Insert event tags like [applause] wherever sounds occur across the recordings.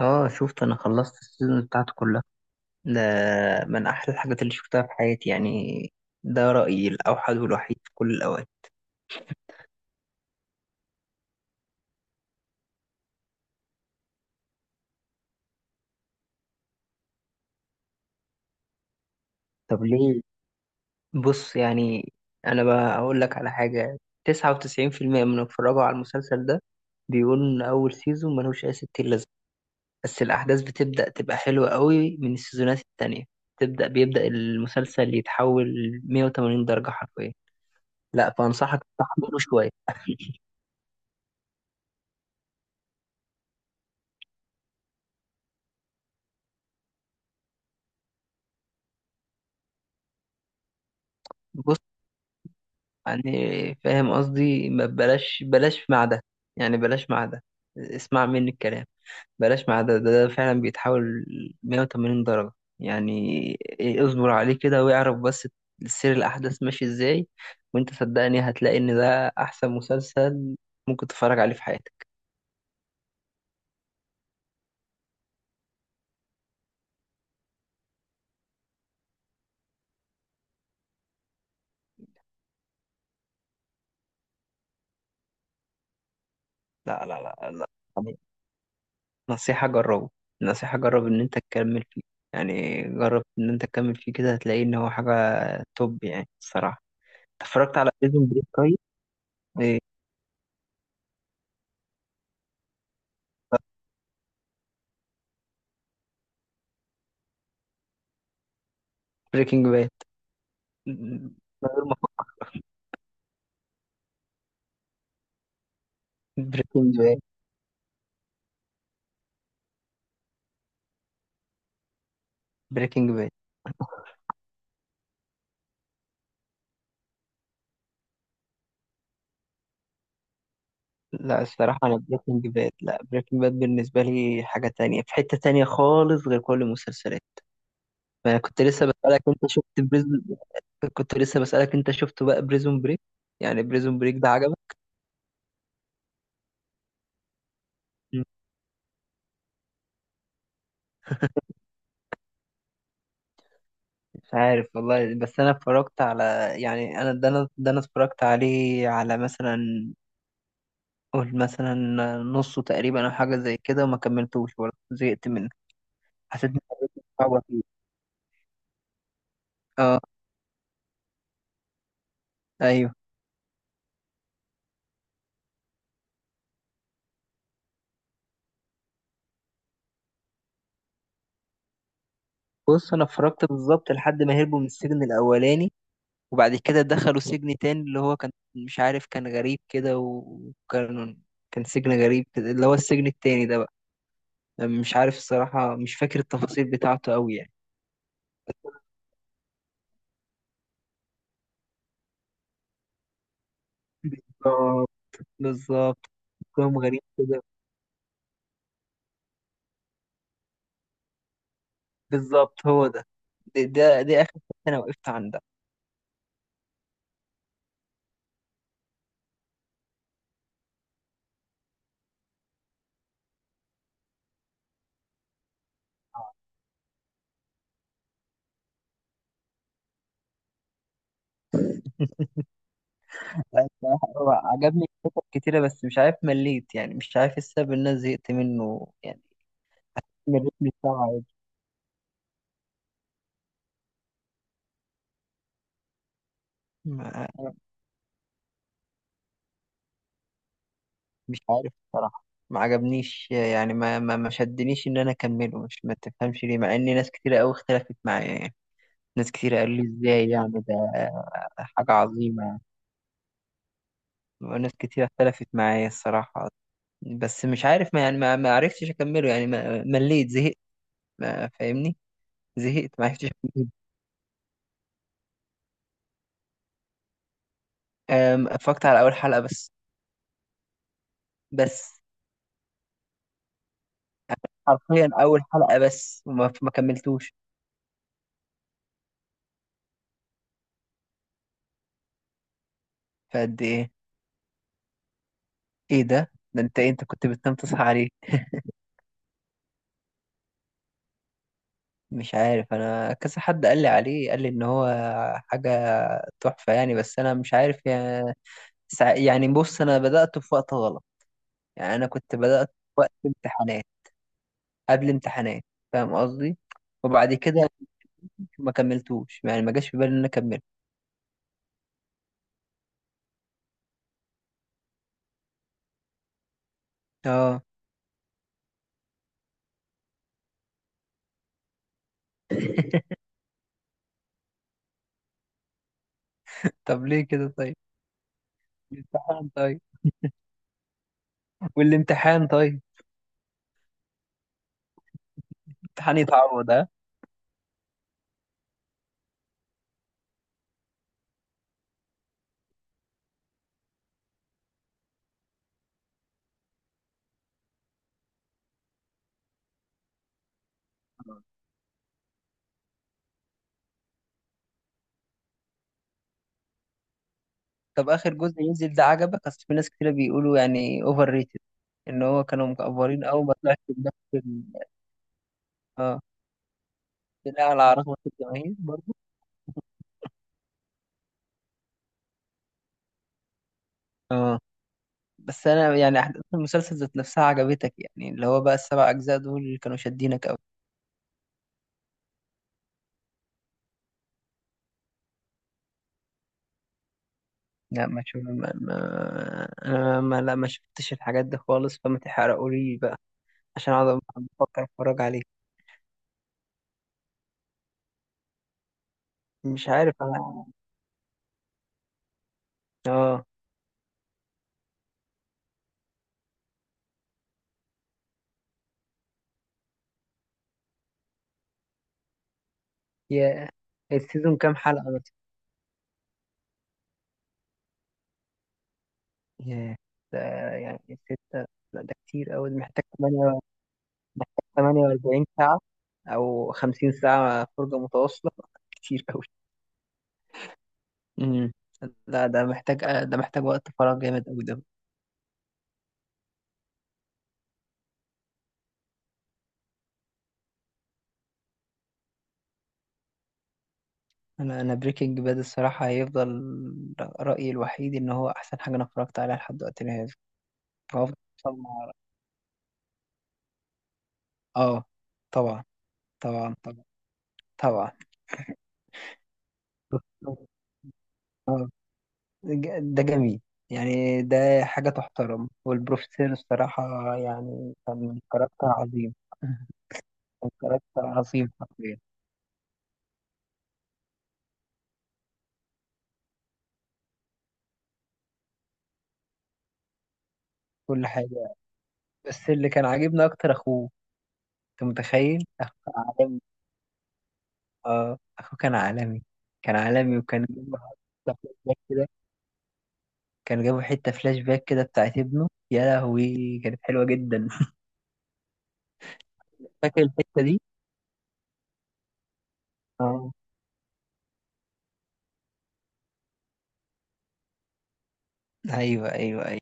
اه شفت. انا خلصت السيزون بتاعته كلها ده. من احلى الحاجات اللي شفتها في حياتي يعني. ده رأيي الاوحد والوحيد في كل الاوقات. طب ليه؟ بص يعني انا بقى اقول لك على حاجة. 99% من اللي اتفرجوا على المسلسل ده بيقولوا ان اول سيزون ملوش اي ستين لازمة، بس الاحداث بتبدأ تبقى حلوة قوي من السيزونات التانية. تبدأ بيبدأ المسلسل يتحول 180 درجة حرفيا. لا فانصحك تحمله شوية. [laughs] يعني فاهم قصدي؟ ما بلاش بلاش مع ده يعني بلاش مع ده. اسمع مني الكلام. بلاش مع ده ده فعلا بيتحول 180 درجة يعني. إيه، اصبر عليه كده واعرف بس سير الأحداث ماشي ازاي. وانت صدقني هتلاقي ان ده أحسن مسلسل ممكن تتفرج عليه في حياتك. لا لا لا لا يعني. نصيحة جربه. نصيحة جرب ان انت تكمل فيه. يعني جرب ان انت تكمل فيه كده، هتلاقي ان هو حاجة توب يعني الصراحة. اتفرجت على بريزون بريك؟ ايه؟ بريكنج باد من غير ما افكر. بريكنج باد، بريكنج باد. لا الصراحة أنا بريكنج باد، لا بريكنج باد بالنسبة لي حاجة تانية في حتة تانية خالص غير كل المسلسلات. ما كنت لسه بسألك أنت شفت بريزون؟ كنت لسه بسألك أنت شفته بقى بريزون بريك؟ يعني بريزون بريك ده عجبك؟ مم. مش عارف والله. بس أنا اتفرجت على يعني أنا ده أنا ده أنا اتفرجت عليه على مثلا، قول مثلا نصه تقريبا أو حاجة زي كده، وما كملتوش برضه، زهقت منه. حسيت إن. اه ايوه. بص انا اتفرجت بالظبط لحد ما هربوا من السجن الاولاني، وبعد كده دخلوا سجن تاني اللي هو كان مش عارف، كان غريب كده وكان كان سجن غريب كده اللي هو السجن التاني ده بقى. مش عارف الصراحة، مش فاكر التفاصيل بتاعته قوي يعني. بالظبط، بالظبط، كلهم غريب كده. بالظبط هو ده. ده ده اخر حتة انا وقفت عندها. الصراحة هو [laughs] عجبني الكتب كتيرة، بس مش عارف مليت يعني. مش عارف السبب ان انا زهقت منه يعني من الريتم بتاعه. عادي. مش عارف بصراحة. ما عجبنيش يعني ما شدنيش ان انا اكمله. مش ما تفهمش ليه، مع ان ناس كتيرة قوي اختلفت معايا يعني. ناس كتيرة قالوا لي ازاي يعني ده حاجة عظيمة، وناس كتيرة اختلفت معايا الصراحة. بس مش عارف ما يعني ما عرفتش اكمله يعني ما مليت، زهقت ما فاهمني. زهقت ما عرفتش أكمله. اتفرجت على اول حلقة بس. بس حرفيا اول حلقة بس، وما ما كملتوش. فقد ايه؟ ايه ده؟ انت إيه؟ انت كنت بتنام تصحى عليه؟ مش عارف، انا كذا حد قال لي عليه، قال لي ان هو حاجه تحفه يعني، بس انا مش عارف يعني. يعني بص، انا بدات في وقت غلط. يعني انا كنت بدات في وقت امتحانات، قبل امتحانات، فاهم قصدي؟ وبعد كده ما كملتوش يعني ما جاش في بالي ان انا اكمل. اه. [laughs] طب ليه كده طيب؟ الامتحان طيب والامتحان طيب؟ الامتحان يتعوض ها. طب اخر جزء ينزل ده عجبك؟ اصل في ناس كتير بيقولوا يعني اوفر ريتد، ان هو كانوا مكبرين قوي ما طلعش بنفس. اه لا، على رغبة الجماهير برضو. اه بس انا يعني احداث المسلسل ذات نفسها عجبتك يعني؟ اللي هو بقى السبع اجزاء دول اللي كانوا شادينك قوي. لا ما شو ما... ما... انا ما لا ما شفتش الحاجات دي خالص، فما تحرقولي بقى عشان اقعد بفكر اتفرج عليه. مش عارف انا. اه. يا، السيزون كام حلقة مثلا؟ يا، ده يعني ستة؟ لا ده كتير أوي، ده محتاج تمانية. محتاج تمانية وأربعين ساعة أو خمسين ساعة فرجة متواصلة. كتير أوي. امم لا ده محتاج، ده محتاج وقت فراغ جامد قوي ده. انا بريكنج باد الصراحه هيفضل رايي الوحيد، ان هو احسن حاجه انا اتفرجت عليها لحد وقتنا هذا. هفضل مع- اه طبعا. طبعا طبعا طبعا. [laughs] اه. ده جميل يعني. ده حاجه تحترم. والبروفيسور الصراحه يعني كان كاركتر عظيم. كان كاركتر عظيم حرفيا، كل حاجه. بس اللي كان عاجبني اكتر اخوه. انت متخيل اه اخوه كان عالمي. كان عالمي. وكان جابوا حتة فلاش باك كده، كان جابوا حتة فلاش باك كده بتاعت ابنه، يا لهوي كانت حلوة جدا. فاكر الحتة دي؟ اه ايوه ايوه ايوه.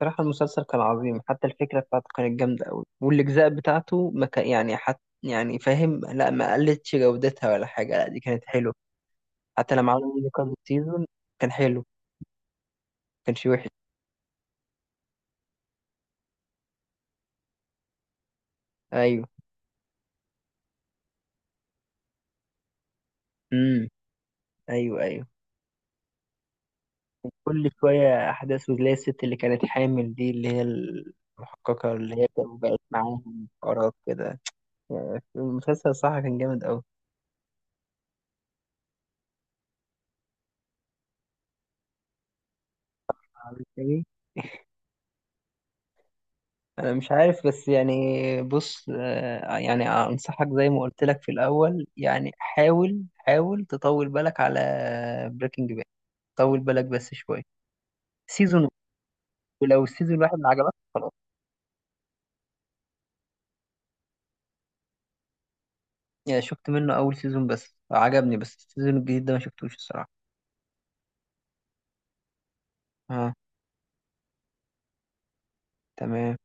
بصراحة المسلسل كان عظيم، حتى الفكرة بتاعته كانت جامدة أوي، والأجزاء بتاعته ما كان يعني يعني فاهم؟ لا ما قلتش جودتها ولا حاجة، لا دي كانت حلوة. حتى لما عملوا منه كذا سيزون كان حلو، ما كانش وحش. أيوه. امم أيوه أيوه. كل شوية أحداث، وتلاقي الست اللي كانت حامل دي اللي هي المحققة اللي هي كانت بقت معاهم قرار كده. يعني المسلسل صح كان جامد أوي. عبد الحليم، أنا مش عارف بس يعني. بص آه، يعني أنصحك زي ما قلت لك في الأول، يعني حاول، حاول تطول بالك على بريكنج باد. طول بالك بس شوية سيزون، ولو السيزون الواحد ما عجبك خلاص. يعني شفت منه أول سيزون بس، عجبني، بس السيزون الجديد ده ما شفتوش الصراحة. اه تمام.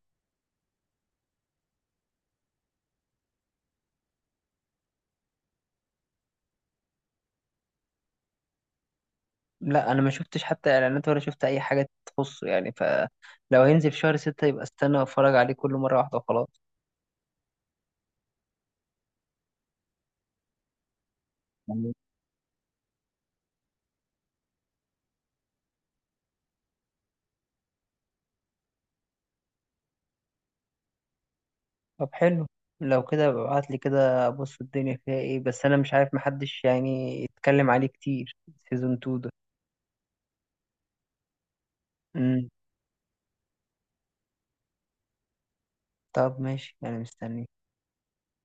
لا انا ما شفتش حتى اعلانات ولا شفت اي حاجه تخصه يعني، فلو هينزل في شهر ستة يبقى استنى اتفرج عليه كل مره واحده وخلاص. طب حلو، لو كده ابعت لي كده ابص الدنيا فيها ايه، بس انا مش عارف محدش يعني يتكلم عليه كتير، سيزون 2 ده. امم. طب ماشي انا مستني.